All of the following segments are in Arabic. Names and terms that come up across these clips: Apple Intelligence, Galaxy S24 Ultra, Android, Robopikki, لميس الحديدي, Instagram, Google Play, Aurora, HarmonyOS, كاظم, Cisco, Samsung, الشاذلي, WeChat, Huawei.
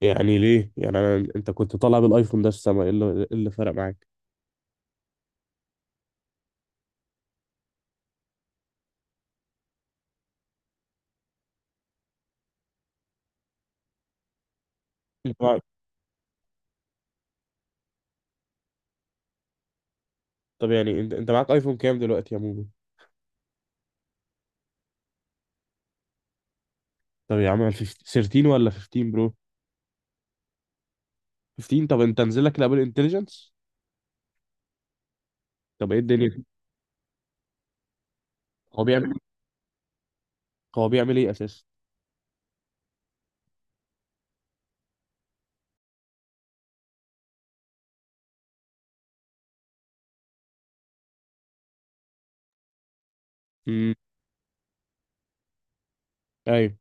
يعني ليه يعني أنا انت كنت طالع بالايفون ده في السما، إيه اللي فرق معاك؟ اللي فرق- طب، يعني انت معاك ايفون كام دلوقتي يا موجود؟ طب يا عم، 15، 13 ولا 15 برو؟ 15. طب انت نزل لك الابل انتليجنس؟ طب ايه الدنيا، هو بيعمل هو بيعمل ايه اساسا؟ امم، ايوه.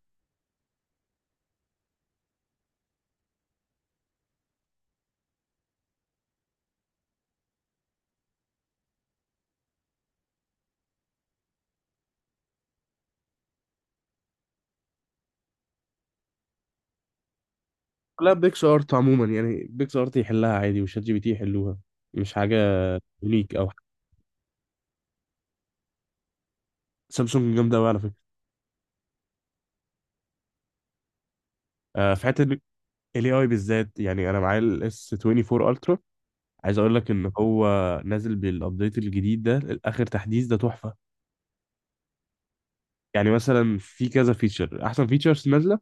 لا، بيكس ارت عموما يعني بيكس ارت يحلها عادي وشات جي بي تي يحلوها، مش حاجه يونيك او حاجة. سامسونج جامده قوي على فكره. آه، في حته الاي اي بالذات، يعني انا معايا الاس 24 الترا، عايز اقول لك ان هو نازل بالابديت الجديد ده. الاخر تحديث ده تحفه. يعني مثلا في كذا فيتشر، احسن فيتشرز نازله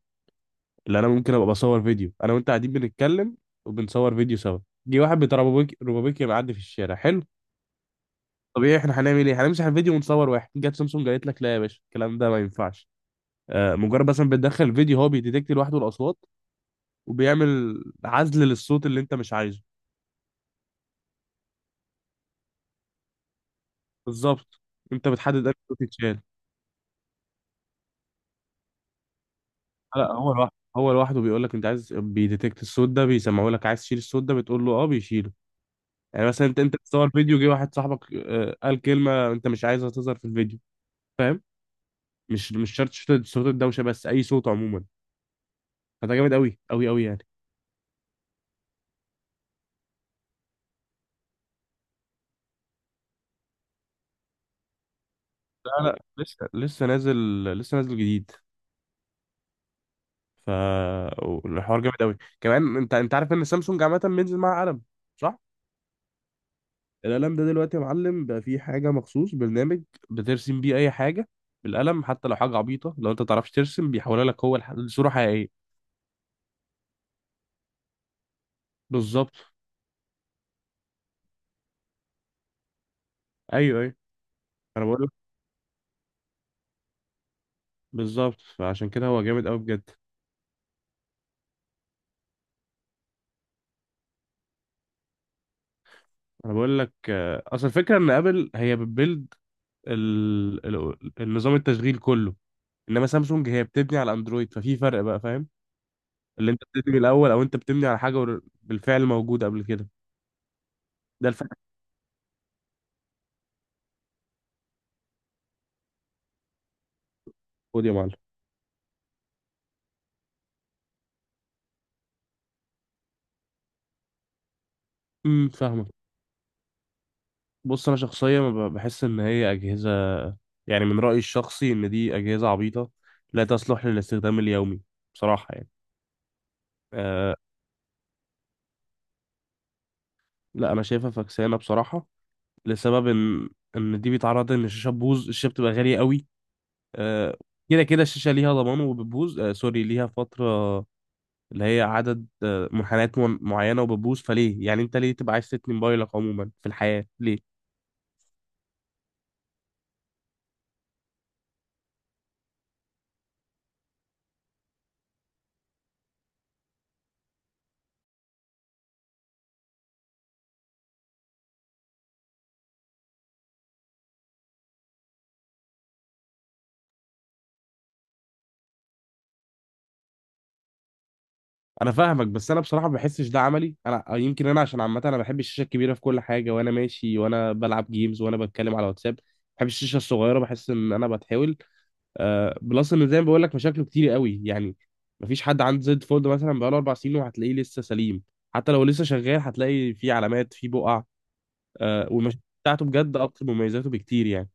اللي انا ممكن ابقى بصور فيديو انا وانت قاعدين بنتكلم وبنصور فيديو سوا. جه واحد بتاع روبابيكي روبابيكي معدي في الشارع، حلو. طبيعي احنا هنعمل ايه؟ هنمسح الفيديو ونصور واحد. جت سامسونج قالت لك لا يا باشا، الكلام ده ما ينفعش. آه، مجرد مثلا بتدخل الفيديو، هو بيديتكت لوحده الاصوات وبيعمل عزل للصوت اللي انت مش عايزه. بالظبط. انت بتحدد انهي صوت يتشال. لا، هو لوحده بيقول لك انت عايز، بيديتكت الصوت ده بيسمعه لك، عايز تشيل الصوت ده بتقول له اه، بيشيله. يعني مثلا انت بتصور فيديو، جه واحد صاحبك قال كلمه انت مش عايزها تظهر في الفيديو، فاهم؟ مش شرط صوت الدوشه، بس اي صوت عموما. فده جامد قوي قوي قوي يعني. لا، لا، لسه نازل، لسه نازل جديد. ف الحوار جامد قوي كمان، انت عارف ان سامسونج عامه بينزل معاها قلم، صح؟ القلم ده دلوقتي يا معلم، بقى فيه حاجة، مخصوص برنامج بترسم بيه أي حاجة، بالقلم حتى لو حاجة عبيطة، لو أنت متعرفش ترسم بيحولها لك هو لصورة حقيقية. بالظبط. أيوه، أيوه. أنا بقول لك، بالظبط، فعشان كده هو جامد أوي بجد. أنا بقول لك، أصل الفكرة إن أبل هي بتبيلد النظام التشغيل كله، إنما سامسونج هي بتبني على أندرويد، ففي فرق بقى، فاهم؟ اللي أنت بتبني الأول أو أنت بتبني على حاجة بالفعل موجودة قبل كده. ده الفرق. خد يا معلم. فاهمك. بص، انا شخصيا بحس ان هي اجهزه، يعني من رايي الشخصي ان دي اجهزه عبيطه، لا تصلح للاستخدام اليومي، بصراحه يعني. أه. لا، انا شايفها فكسانه بصراحه، لسبب ان دي بيتعرض ان الشاشه تبوظ، الشاشه بتبقى غاليه قوي. أه، كده كده الشاشه ليها ضمان وبتبوظ، أه سوري، ليها فتره، اللي هي عدد منحنيات معينه وبتبوظ. فليه يعني انت ليه تبقى عايز تتني موبايلك عموما في الحياه، ليه؟ انا فاهمك، بس انا بصراحه ما بحسش ده عملي انا، يمكن انا عشان عامه انا بحب الشاشه الكبيره في كل حاجه، وانا ماشي وانا بلعب جيمز وانا بتكلم على واتساب، بحب الشاشه الصغيره، بحس ان انا بتحاول، بلس ان زي ما بقول لك مشاكله كتير قوي يعني. مفيش حد عنده زد فولد مثلا بقاله اربع سنين وهتلاقيه لسه سليم، حتى لو لسه شغال هتلاقي فيه علامات، فيه بقع. والمشاكل بتاعته بجد اكتر من مميزاته بكتير يعني.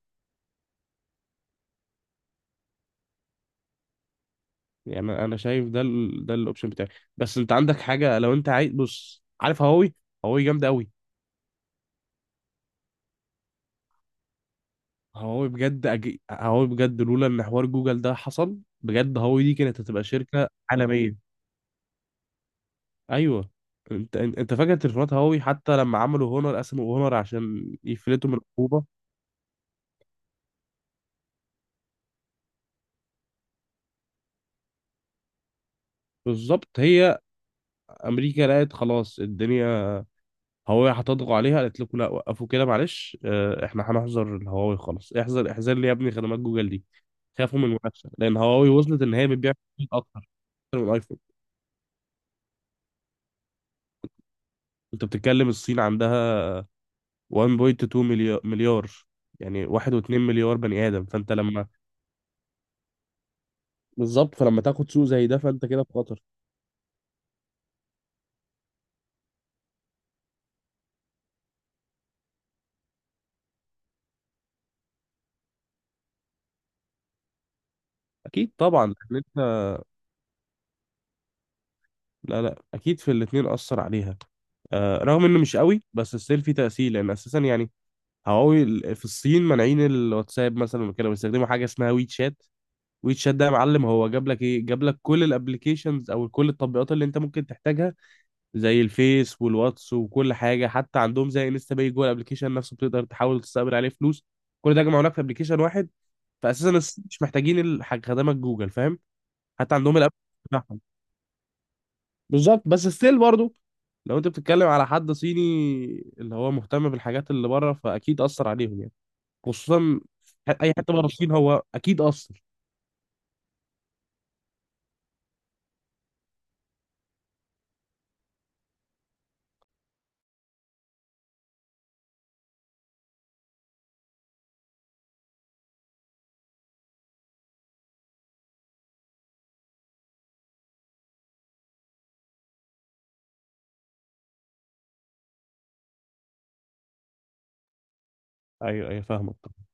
يعني انا شايف ده الاوبشن بتاعي، بس انت عندك حاجه لو انت عايز، بص، عارف هواوي؟ هواوي جامده قوي. هواوي بجد لولا ان حوار جوجل ده حصل، بجد هواوي دي كانت هتبقى شركة عالمية. ايوه. انت فاكر تليفونات هواوي حتى لما عملوا هونر، قسموا هونر عشان يفلتوا من العقوبة؟ بالظبط. هي امريكا لقت خلاص الدنيا، هواوي هتضغط عليها، قالت لكم لا، وقفوا كده، معلش، احنا هنحظر الهواوي، خلاص احذر احذر لي يا ابني خدمات جوجل دي. خافوا من المنافسة لان هواوي وصلت ان هي بتبيع اكتر من الايفون. انت بتتكلم الصين عندها 1.2 مليار، يعني 1.2 مليار بني آدم، فأنت لما... بالظبط، فلما تاخد سوق زي ده فأنت كده في خطر. أكيد طبعا، لأن أنت... لا، لا، أكيد في الاتنين أثر عليها. آه، رغم إنه مش قوي بس ستيل في تأثير، لأن أساسا يعني هواوي في الصين مانعين الواتساب مثلا وكده، بيستخدموا حاجة اسمها ويت شات. ويت شات ده يا معلم، هو جاب لك إيه؟ جاب لك كل الابلكيشنز أو كل التطبيقات اللي أنت ممكن تحتاجها، زي الفيس والواتس وكل حاجه، حتى عندهم زي انستا باي جوه الابلكيشن نفسه، بتقدر تحاول تستقبل عليه فلوس. كل ده جمعوا لك في ابلكيشن واحد. فاساسا مش محتاجين خدمات جوجل، فاهم؟ حتى عندهم الاب بتاعهم. بالظبط، بس ستيل برضه، لو انت بتتكلم على حد صيني اللي هو مهتم بالحاجات اللي بره فاكيد اثر عليهم يعني، خصوصا اي حته بره الصين، هو اكيد اثر. ايوه، ايوه، فاهمك طبعا.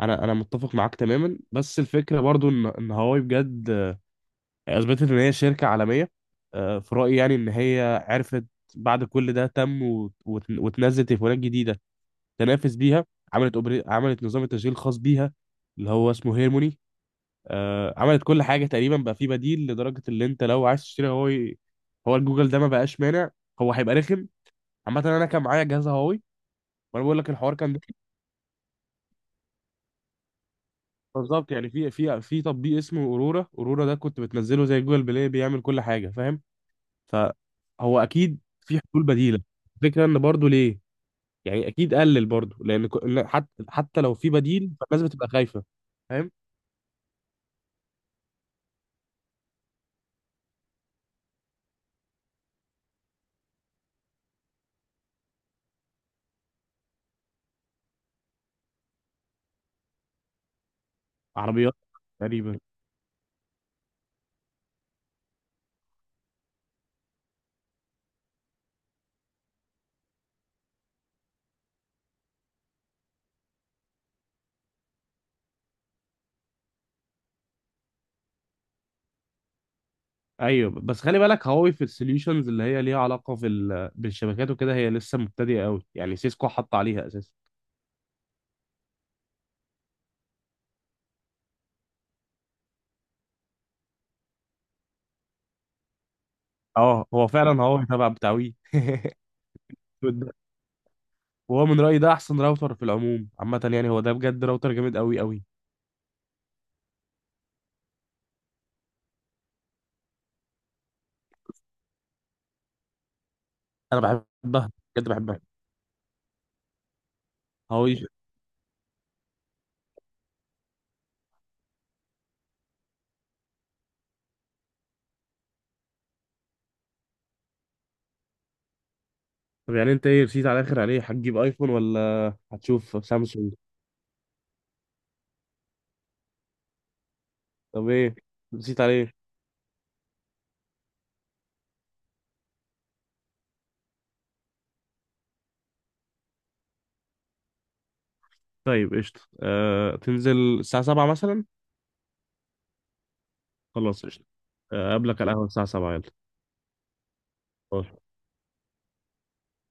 انا متفق معاك تماما، بس الفكره برضو ان هواوي بجد اثبتت ان هي شركه عالميه. في رايي يعني ان هي عرفت بعد كل ده تم، وتنزل تليفونات جديده تنافس بيها. عملت نظام التشغيل الخاص بيها، اللي هو اسمه هيرموني. عملت كل حاجه تقريبا، بقى في بديل لدرجه اللي انت لو عايز تشتري هواوي، هو الجوجل ده ما بقاش مانع، هو هيبقى رخم. عامه انا كان معايا جهاز هواوي وانا بقول لك الحوار كان ده. بالظبط، يعني في تطبيق اسمه اورورا، اورورا ده كنت بتنزله زي جوجل بلاي، بيعمل كل حاجه، فاهم؟ فهو اكيد في حلول بديله. الفكره ان برضو ليه، يعني اكيد قلل برضو لان لا، حتى لو في بديل فالناس بتبقى خايفه، فاهم؟ عربيات تقريبا. ايوه، بس خلي بالك، هواوي في السوليوشنز اللي هي ليها علاقه بالشبكات وكده، هي لسه مبتدئه قوي يعني، سيسكو حط عليها اساسا. اه، هو فعلا هواوي تبع بتاع وي. وهو من رايي ده احسن راوتر في العموم عامه يعني، هو ده بجد راوتر جامد قوي قوي. انا بحبها، بجد بحبها هواوي. طب يعني انت ايه رسيت على الاخر عليه، هتجيب ايفون ولا هتشوف سامسونج؟ طب ايه رسيت عليه؟ طيب قشطة، تنزل الساعة 7 مثلا؟ خلاص قشطة. اقابلك على القهوة الساعة 7. يلا.